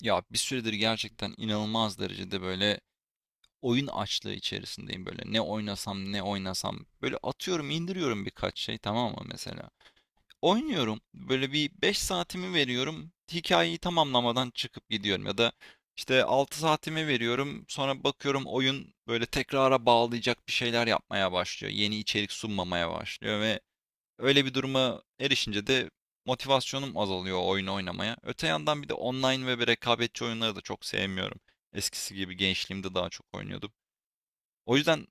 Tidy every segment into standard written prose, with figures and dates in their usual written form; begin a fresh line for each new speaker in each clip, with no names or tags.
Ya bir süredir gerçekten inanılmaz derecede böyle oyun açlığı içerisindeyim böyle. Ne oynasam ne oynasam böyle atıyorum indiriyorum birkaç şey tamam mı mesela. Oynuyorum böyle bir 5 saatimi veriyorum hikayeyi tamamlamadan çıkıp gidiyorum ya da işte 6 saatimi veriyorum sonra bakıyorum oyun böyle tekrara bağlayacak bir şeyler yapmaya başlıyor. Yeni içerik sunmamaya başlıyor ve öyle bir duruma erişince de motivasyonum azalıyor o oyunu oynamaya. Öte yandan bir de online ve bir rekabetçi oyunları da çok sevmiyorum. Eskisi gibi gençliğimde daha çok oynuyordum. O yüzden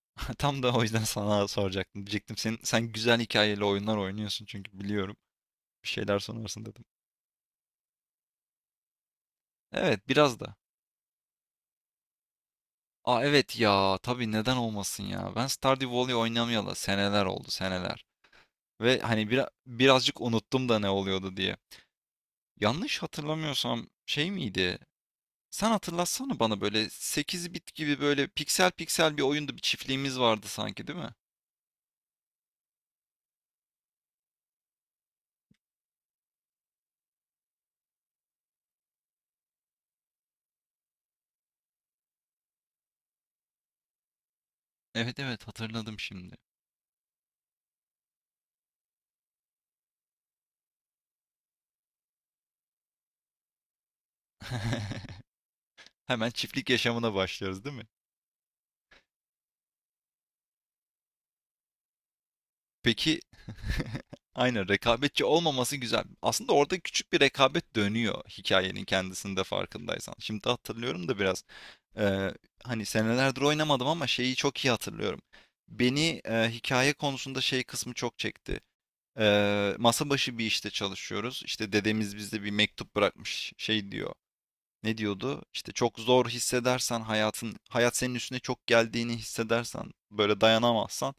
tam da o yüzden sana soracaktım. Diyecektim sen güzel hikayeli oyunlar oynuyorsun çünkü biliyorum. Bir şeyler sorarsın dedim. Evet biraz da. Aa, evet ya, tabii neden olmasın ya. Ben Stardew Valley oynamayalı seneler oldu, seneler. Ve hani birazcık unuttum da ne oluyordu diye. Yanlış hatırlamıyorsam şey miydi? Sen hatırlatsana bana böyle 8 bit gibi böyle piksel piksel bir oyunda bir çiftliğimiz vardı sanki, değil mi? Evet, evet, hatırladım şimdi. Hemen çiftlik yaşamına başlıyoruz değil mi? Peki, aynen, rekabetçi olmaması güzel. Aslında orada küçük bir rekabet dönüyor hikayenin kendisinde, farkındaysan. Şimdi hatırlıyorum da biraz, eee, hani senelerdir oynamadım ama şeyi çok iyi hatırlıyorum. Beni hikaye konusunda şey kısmı çok çekti. Masa başı bir işte çalışıyoruz. İşte dedemiz bize bir mektup bırakmış. Şey diyor. Ne diyordu? İşte çok zor hissedersen hayatın, hayat senin üstüne çok geldiğini hissedersen, böyle dayanamazsan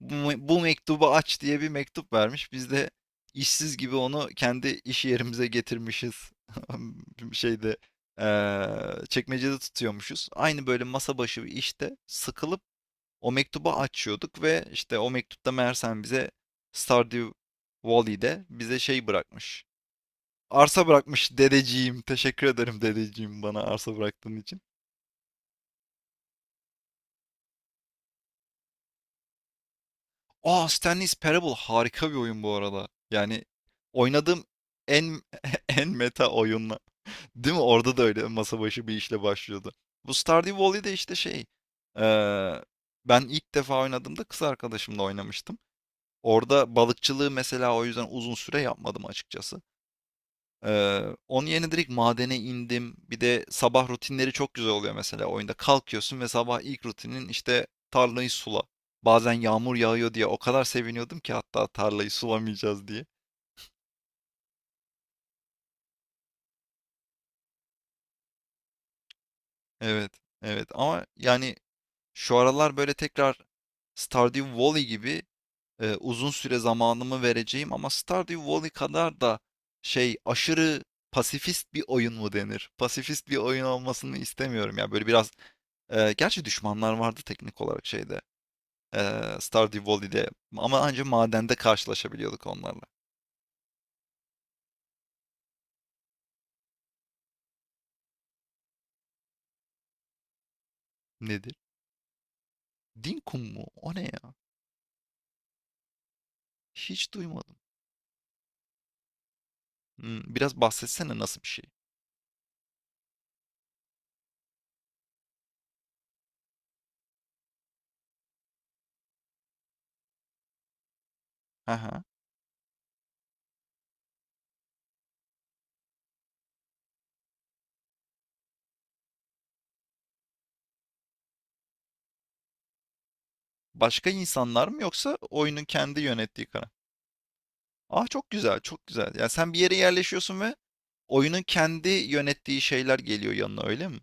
bu, bu mektubu aç diye bir mektup vermiş. Biz de işsiz gibi onu kendi iş yerimize getirmişiz. Şeyde çekmecede tutuyormuşuz. Aynı böyle masa başı bir işte sıkılıp o mektubu açıyorduk ve işte o mektupta meğersem bize Stardew Valley'de bize şey bırakmış. Arsa bırakmış dedeciğim. Teşekkür ederim dedeciğim, bana arsa bıraktığın için. Aa, Stanley's Parable harika bir oyun bu arada. Yani oynadığım en en meta oyunla. Değil mi? Orada da öyle masa başı bir işle başlıyordu. Bu Stardew Valley de işte şey. eee, Ben ilk defa oynadığımda kız arkadaşımla oynamıştım. Orada balıkçılığı mesela o yüzden uzun süre yapmadım açıkçası. Ee, Onun yerine direkt madene indim. Bir de sabah rutinleri çok güzel oluyor mesela oyunda. Kalkıyorsun ve sabah ilk rutinin işte tarlayı sula. Bazen yağmur yağıyor diye o kadar seviniyordum ki, hatta tarlayı sulamayacağız diye. Evet, evet ama yani şu aralar böyle tekrar Stardew Valley gibi uzun süre zamanımı vereceğim ama Stardew Valley kadar da şey, aşırı pasifist bir oyun mu denir? Pasifist bir oyun olmasını istemiyorum ya. Böyle biraz gerçi düşmanlar vardı teknik olarak şeyde, Stardew Valley'de, ama ancak madende karşılaşabiliyorduk onlarla. Nedir? Dinkum mu? O ne ya? Hiç duymadım. Biraz bahsetsene, nasıl bir şey? He. Başka insanlar mı yoksa oyunun kendi yönettiği kara. A, çok güzel, çok güzel. Yani sen bir yere yerleşiyorsun ve oyunun kendi yönettiği şeyler geliyor yanına, öyle mi?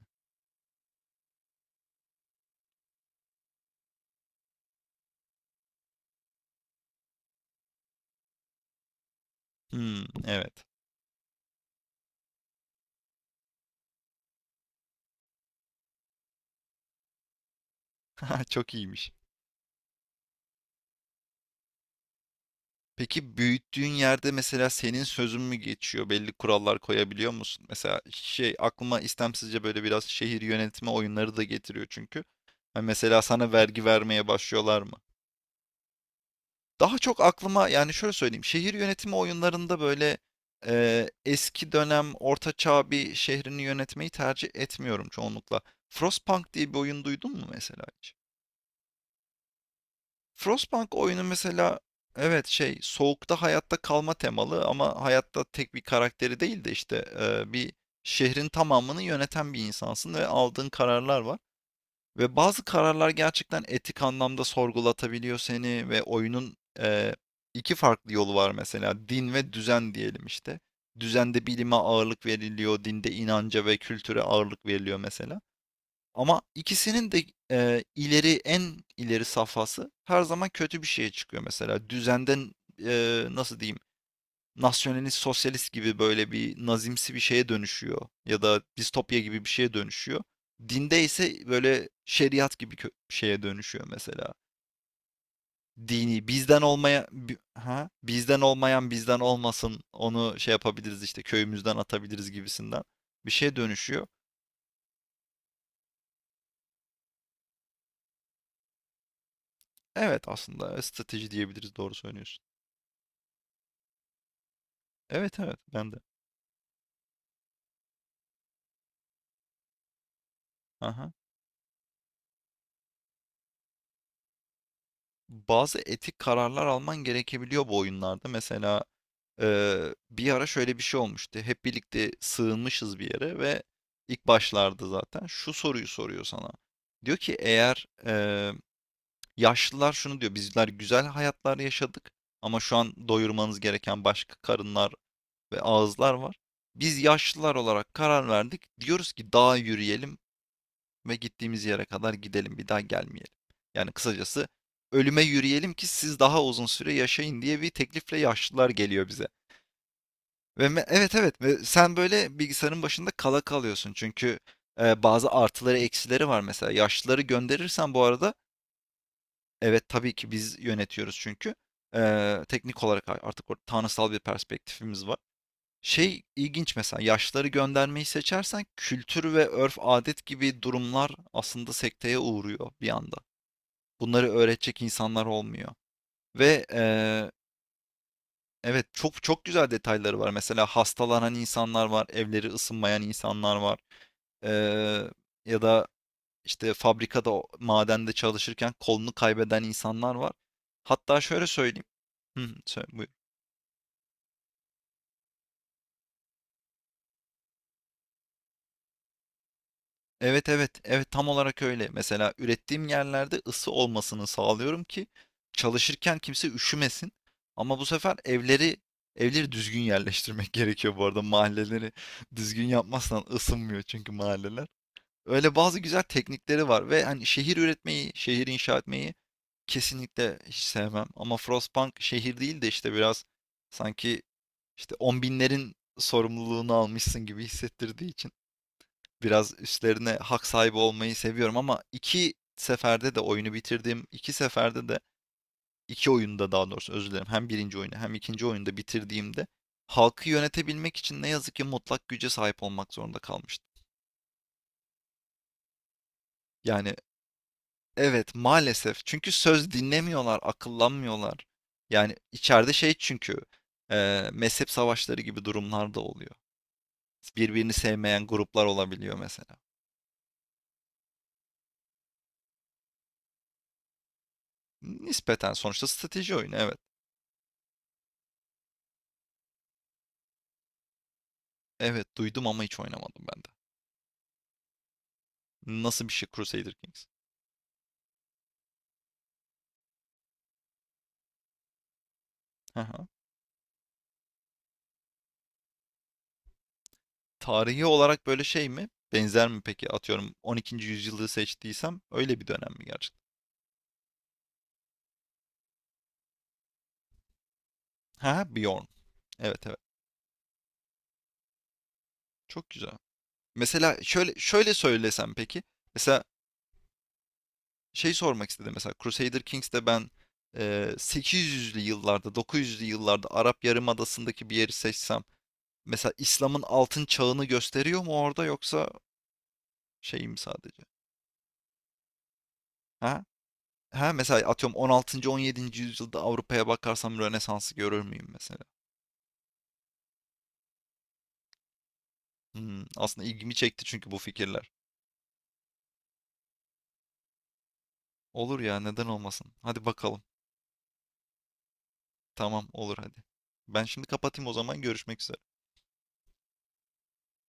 Hımm, evet. Çok iyiymiş. Peki büyüttüğün yerde mesela senin sözün mü geçiyor? Belli kurallar koyabiliyor musun? Mesela şey aklıma istemsizce böyle biraz şehir yönetimi oyunları da getiriyor çünkü. Hani mesela sana vergi vermeye başlıyorlar mı? Daha çok aklıma, yani şöyle söyleyeyim. Şehir yönetimi oyunlarında böyle eski dönem orta çağ bir şehrini yönetmeyi tercih etmiyorum çoğunlukla. Frostpunk diye bir oyun duydun mu mesela hiç? Frostpunk oyunu mesela, evet, şey, soğukta hayatta kalma temalı ama hayatta tek bir karakteri değil de işte bir şehrin tamamını yöneten bir insansın ve aldığın kararlar var. Ve bazı kararlar gerçekten etik anlamda sorgulatabiliyor seni ve oyunun iki farklı yolu var mesela, din ve düzen diyelim işte. Düzende bilime ağırlık veriliyor, dinde inanca ve kültüre ağırlık veriliyor mesela. Ama ikisinin de ileri, en ileri safhası her zaman kötü bir şeye çıkıyor mesela. Düzenden, nasıl diyeyim, nasyonalist sosyalist gibi böyle bir nazimsi bir şeye dönüşüyor ya da distopya gibi bir şeye dönüşüyor. Dinde ise böyle şeriat gibi şeye dönüşüyor mesela. Dini bizden olmaya bizden olmayan bizden olmasın, onu şey yapabiliriz işte, köyümüzden atabiliriz gibisinden bir şeye dönüşüyor. Evet, aslında strateji diyebiliriz, doğru söylüyorsun. Evet, evet, ben de. Aha. Bazı etik kararlar alman gerekebiliyor bu oyunlarda. Mesela bir ara şöyle bir şey olmuştu. Hep birlikte sığınmışız bir yere ve ilk başlarda zaten şu soruyu soruyor sana. Diyor ki, eğer yaşlılar şunu diyor. Bizler güzel hayatlar yaşadık ama şu an doyurmanız gereken başka karınlar ve ağızlar var. Biz yaşlılar olarak karar verdik. Diyoruz ki dağa yürüyelim ve gittiğimiz yere kadar gidelim, bir daha gelmeyelim. Yani kısacası, ölüme yürüyelim ki siz daha uzun süre yaşayın diye bir teklifle yaşlılar geliyor bize. Ve evet, evet, ve sen böyle bilgisayarın başında kala kalıyorsun çünkü bazı artıları eksileri var mesela. Yaşlıları gönderirsen bu arada, evet tabii ki biz yönetiyoruz çünkü teknik olarak artık orada tanrısal bir perspektifimiz var. Şey ilginç mesela, yaşlıları göndermeyi seçersen kültür ve örf adet gibi durumlar aslında sekteye uğruyor bir anda. Bunları öğretecek insanlar olmuyor. Ve evet, çok çok güzel detayları var. Mesela hastalanan insanlar var, evleri ısınmayan insanlar var. Eee, Ya da işte fabrikada, madende çalışırken kolunu kaybeden insanlar var. Hatta şöyle söyleyeyim. Hı, söyle, buyur. Evet, evet, evet, tam olarak öyle. Mesela ürettiğim yerlerde ısı olmasını sağlıyorum ki çalışırken kimse üşümesin. Ama bu sefer evleri düzgün yerleştirmek gerekiyor bu arada. Mahalleleri düzgün yapmazsan ısınmıyor çünkü mahalleler. Öyle bazı güzel teknikleri var ve hani şehir üretmeyi, şehir inşa etmeyi kesinlikle hiç sevmem. Ama Frostpunk şehir değil de işte biraz sanki işte on binlerin sorumluluğunu almışsın gibi hissettirdiği için biraz üstlerine hak sahibi olmayı seviyorum, ama iki seferde de oyunu bitirdiğim, iki seferde de, iki oyunda daha doğrusu, özür dilerim. Hem birinci oyunu hem ikinci oyunda bitirdiğimde halkı yönetebilmek için ne yazık ki mutlak güce sahip olmak zorunda kalmıştım. Yani evet, maalesef, çünkü söz dinlemiyorlar, akıllanmıyorlar. Yani içeride şey çünkü, mezhep savaşları gibi durumlar da oluyor. Birbirini sevmeyen gruplar olabiliyor mesela. Nispeten sonuçta strateji oyunu, evet. Evet, duydum ama hiç oynamadım ben de. Nasıl bir şey Crusader Kings? Hı hı. Tarihi olarak böyle şey mi? Benzer mi peki? Atıyorum 12. yüzyılı seçtiysem öyle bir dönem mi gerçekten? Ha, Bjorn. Evet, evet. Çok güzel. Mesela şöyle şöyle söylesem peki. Mesela şey sormak istedim. Mesela Crusader Kings'te ben 800'lü yıllarda, 900'lü yıllarda Arap Yarımadası'ndaki bir yeri seçsem mesela İslam'ın altın çağını gösteriyor mu orada, yoksa şey mi sadece? Ha. Ha, mesela atıyorum 16. 17. yüzyılda Avrupa'ya bakarsam Rönesans'ı görür müyüm mesela? Aslında ilgimi çekti çünkü bu fikirler. Olur ya, neden olmasın? Hadi bakalım. Tamam, olur hadi. Ben şimdi kapatayım, o zaman görüşmek üzere.